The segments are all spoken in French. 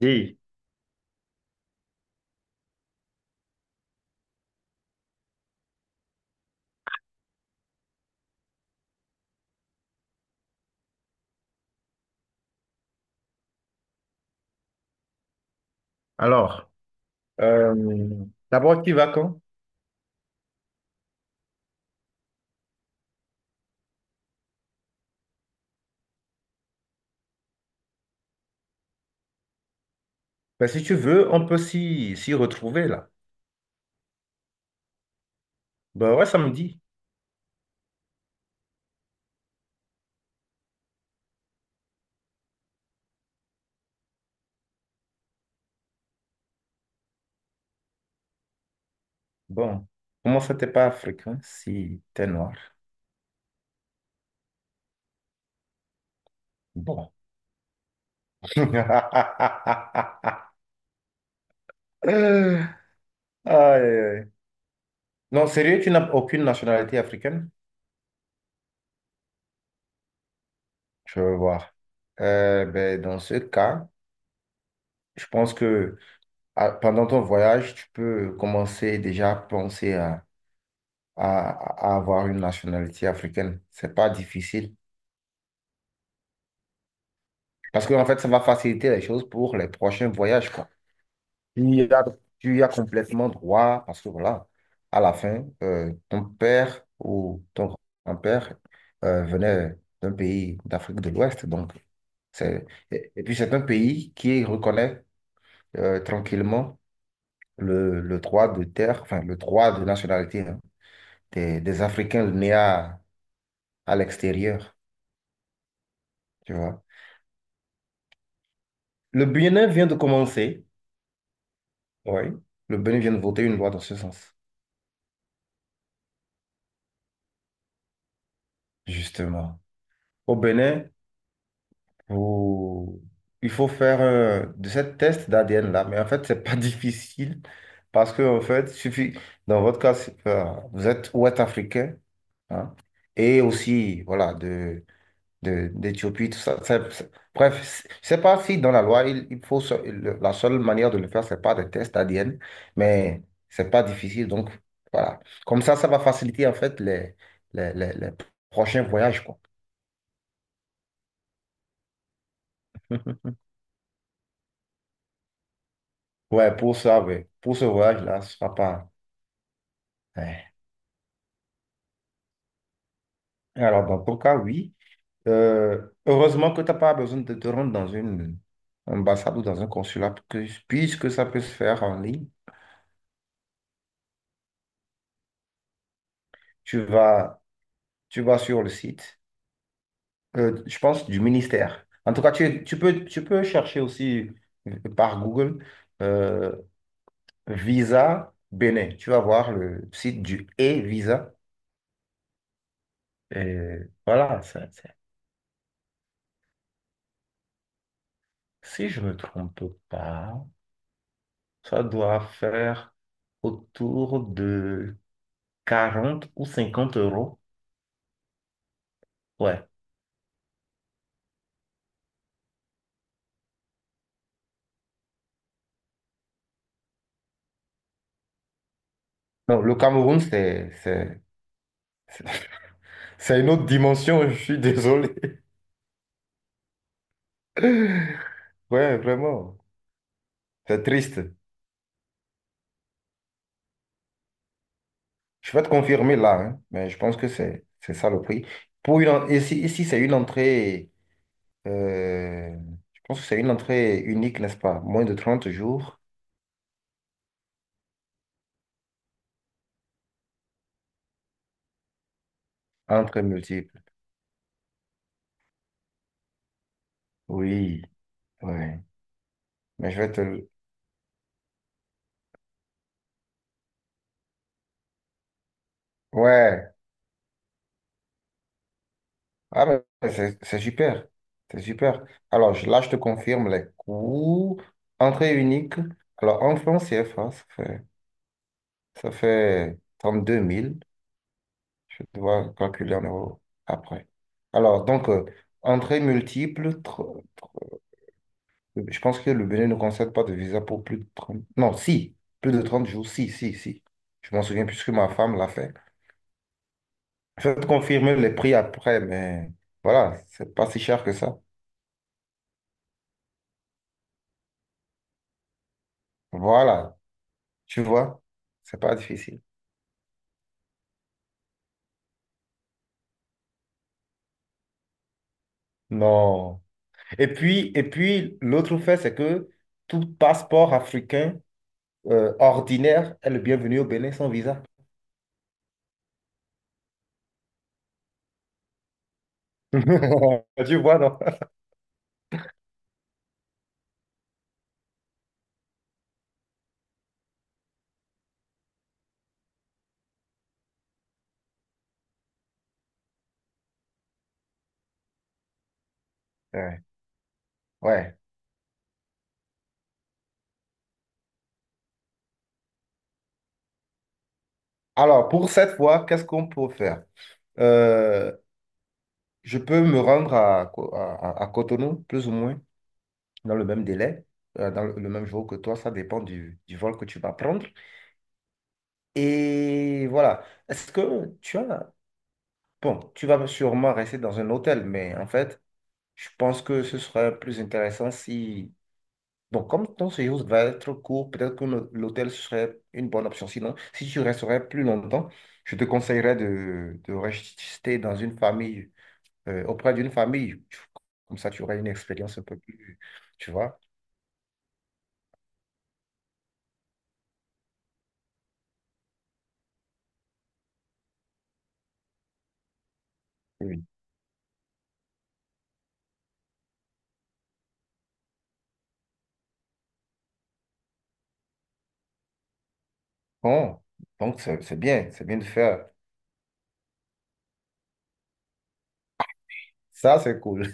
Et alors, euh, d'abord, tu vas quand? Ben, si tu veux, on peut s'y retrouver là. Ben ouais, samedi. Bon, comment ça t'es pas africain si t'es noir? Bon. Euh, Aïe, aïe. Non, sérieux, tu n'as aucune nationalité africaine? Je veux voir. Ben, dans ce cas, je pense que pendant ton voyage, tu peux commencer déjà à penser à, à avoir une nationalité africaine. C'est pas difficile. Parce que, en fait, ça va faciliter les choses pour les prochains voyages, quoi. Tu y as, tu y as complètement droit, parce que voilà, à la fin, ton père ou ton grand-père venait d'un pays d'Afrique de l'Ouest. Donc, c'est, et puis, c'est un pays qui reconnaît tranquillement le droit de terre, enfin, le droit de nationalité hein, des Africains nés à l'extérieur, tu vois. Le Bénin vient de commencer, oui, le Bénin vient de voter une loi dans ce sens. Justement. Au Bénin, vous- il faut faire de ce test d'ADN là, mais en fait, c'est pas difficile parce que, en fait, suffit, dans votre cas, vous êtes ouest-africain hein, et aussi, voilà, d'Éthiopie, tout ça. Bref, je sais pas si dans la loi, il faut, la seule manière de le faire, c'est pas des tests d'ADN, mais c'est pas difficile. Donc, voilà. Comme ça va faciliter, en fait, les prochains voyages, quoi. Ouais, pour ça, ouais. Pour ce voyage-là, ce sera pas. Ouais. Alors, dans ton cas, oui. Heureusement que tu n'as pas besoin de te rendre dans une ambassade ou dans un consulat, puisque ça peut se faire en ligne. Tu vas, tu vas sur le site, je pense, du ministère. En tout cas, tu peux chercher aussi par Google euh, Visa Bénin. Tu vas voir le site du e-Visa. Et voilà, si je ne me trompe pas. Ça doit faire autour de 40 ou 50 euros. Ouais. Non, le Cameroun, c'est, c'est une autre dimension, je suis désolé. Ouais, vraiment, c'est triste. Je vais te confirmer là, hein, mais je pense que c'est ça le prix. Ici, ici c'est une entrée, euh, je pense que c'est une entrée unique, n'est-ce pas? Moins de 30 jours, entrée multiple. Oui, ouais. Mais je vais te... Ouais. Ah, mais c'est super. C'est super. Alors, là, je te confirme les coûts. Entrée unique. Alors, en francs CFA, ça fait 32 000. Je dois calculer en euros après. Alors, donc, entrée multiple. Je pense que le Bénin ne concède pas de visa pour plus de 30. Non, si. Plus de 30 jours. Si, si, si. Je m'en souviens puisque ma femme l'a fait. Je vais te confirmer les prix après, mais voilà, c'est pas si cher que ça. Voilà. Tu vois? C'est pas difficile. Non. Et puis l'autre fait, c'est que tout passeport africain ordinaire est le bienvenu au Bénin sans visa. Tu vois, non? Ouais. Ouais. Alors, pour cette fois, qu'est-ce qu'on peut faire? Euh, je peux me rendre à Cotonou, plus ou moins, dans le même délai, dans le même jour que toi. Ça dépend du vol que tu vas prendre. Et voilà. Est-ce que tu as. Bon, tu vas sûrement rester dans un hôtel, mais en fait, je pense que ce serait plus intéressant si... Bon, comme ton séjour va être court, peut-être que l'hôtel serait une bonne option. Sinon, si tu resterais plus longtemps, je te conseillerais de rester dans une famille, auprès d'une famille. Tu- Comme ça, tu aurais une expérience un peu plus, tu vois. Oui. Bon, donc c'est bien, c'est bien de faire. Ça, c'est cool.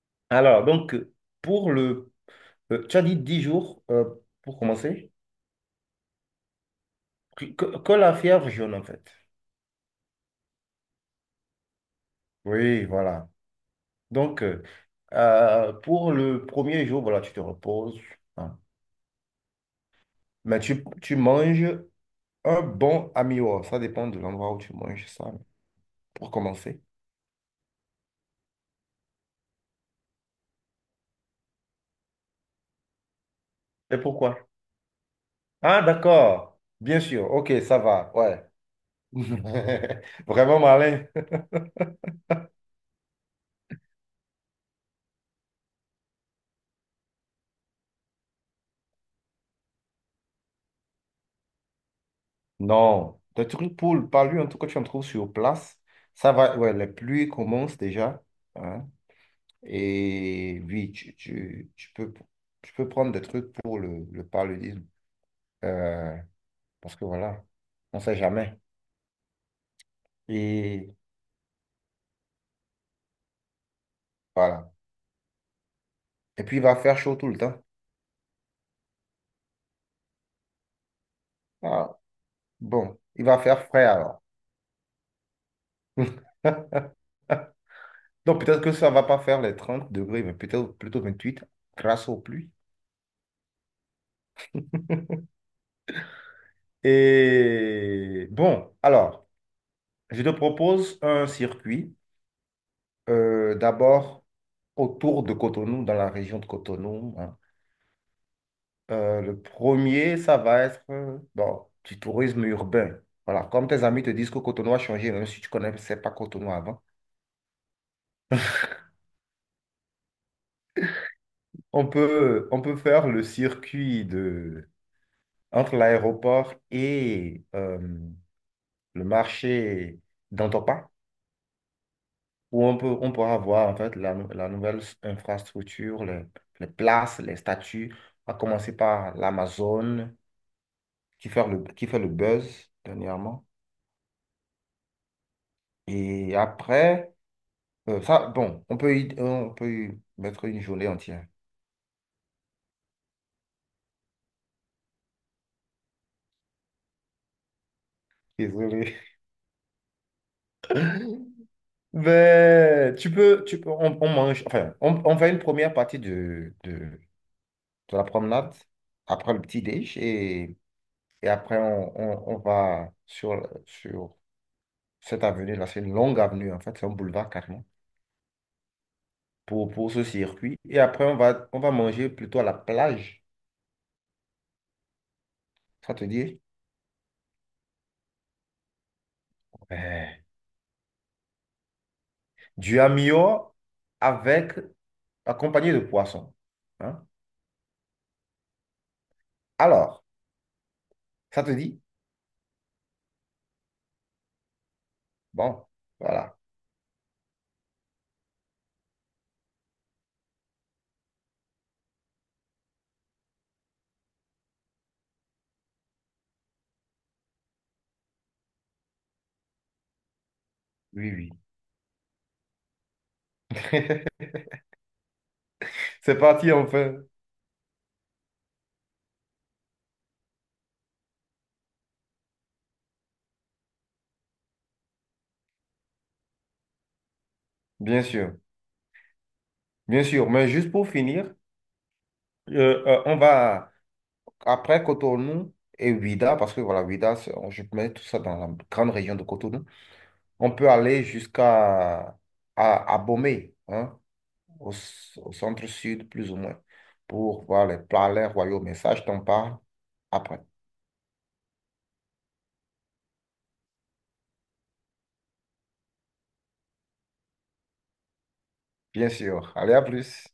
Alors, donc, pour le... tu as dit 10 jours, pour commencer? Que la fièvre jaune, en fait. Oui, voilà. Donc, pour le premier jour, voilà, tu te reposes. Hein. Mais tu manges un bon amio. Ça dépend de l'endroit où tu manges ça, pour commencer. Et pourquoi? Ah, d'accord. Bien sûr. OK, ça va. Ouais. Vraiment malin. Non. Le truc pour le palu, en tout cas, tu en trouves sur place. Ça va. Ouais, les pluies commencent déjà. Hein. Et oui, tu peux prendre des trucs pour le paludisme. Euh, parce que voilà, on sait jamais. Et voilà. Et puis, il va faire chaud tout le temps. Ah, bon, il va faire frais alors. Donc, peut-être que ça va pas faire les 30 degrés, mais peut-être plutôt 28 grâce aux pluies. Et bon, alors, je te propose un circuit. D'abord, autour de Cotonou, dans la région de Cotonou. Hein. Le premier, ça va être bon, du tourisme urbain. Voilà, comme tes amis te disent que Cotonou a changé, même si tu ne connaissais pas Cotonou avant, on peut faire le circuit entre l'aéroport et le marché d'Antopa, où on pourra voir en fait la nouvelle infrastructure, les places, les statues, à commencer par l'Amazone qui fait qui fait le buzz dernièrement. Et après. Ça, bon, on peut y mettre une journée entière. Désolé. Mais on, enfin, on fait une première partie de la promenade, après le petit déj, et après on va sur cette avenue là, c'est une longue avenue en fait, c'est un boulevard carrément, pour ce circuit. Et après on va manger plutôt à la plage, ça te dit? Ouais. Du amio avec, accompagné de poissons. Hein. Alors, ça te dit? Bon, voilà. Oui, oui. C'est parti, on fait. Bien sûr. Bien sûr. Mais juste pour finir, on va après Cotonou et Ouida, parce que voilà, Ouida, je mets tout ça dans la grande région de Cotonou. On peut aller jusqu'à à Bomé, hein, au centre-sud, plus ou moins, pour voir les palais royaux. Mais ça, je t'en parle après. Bien sûr. Allez, à plus.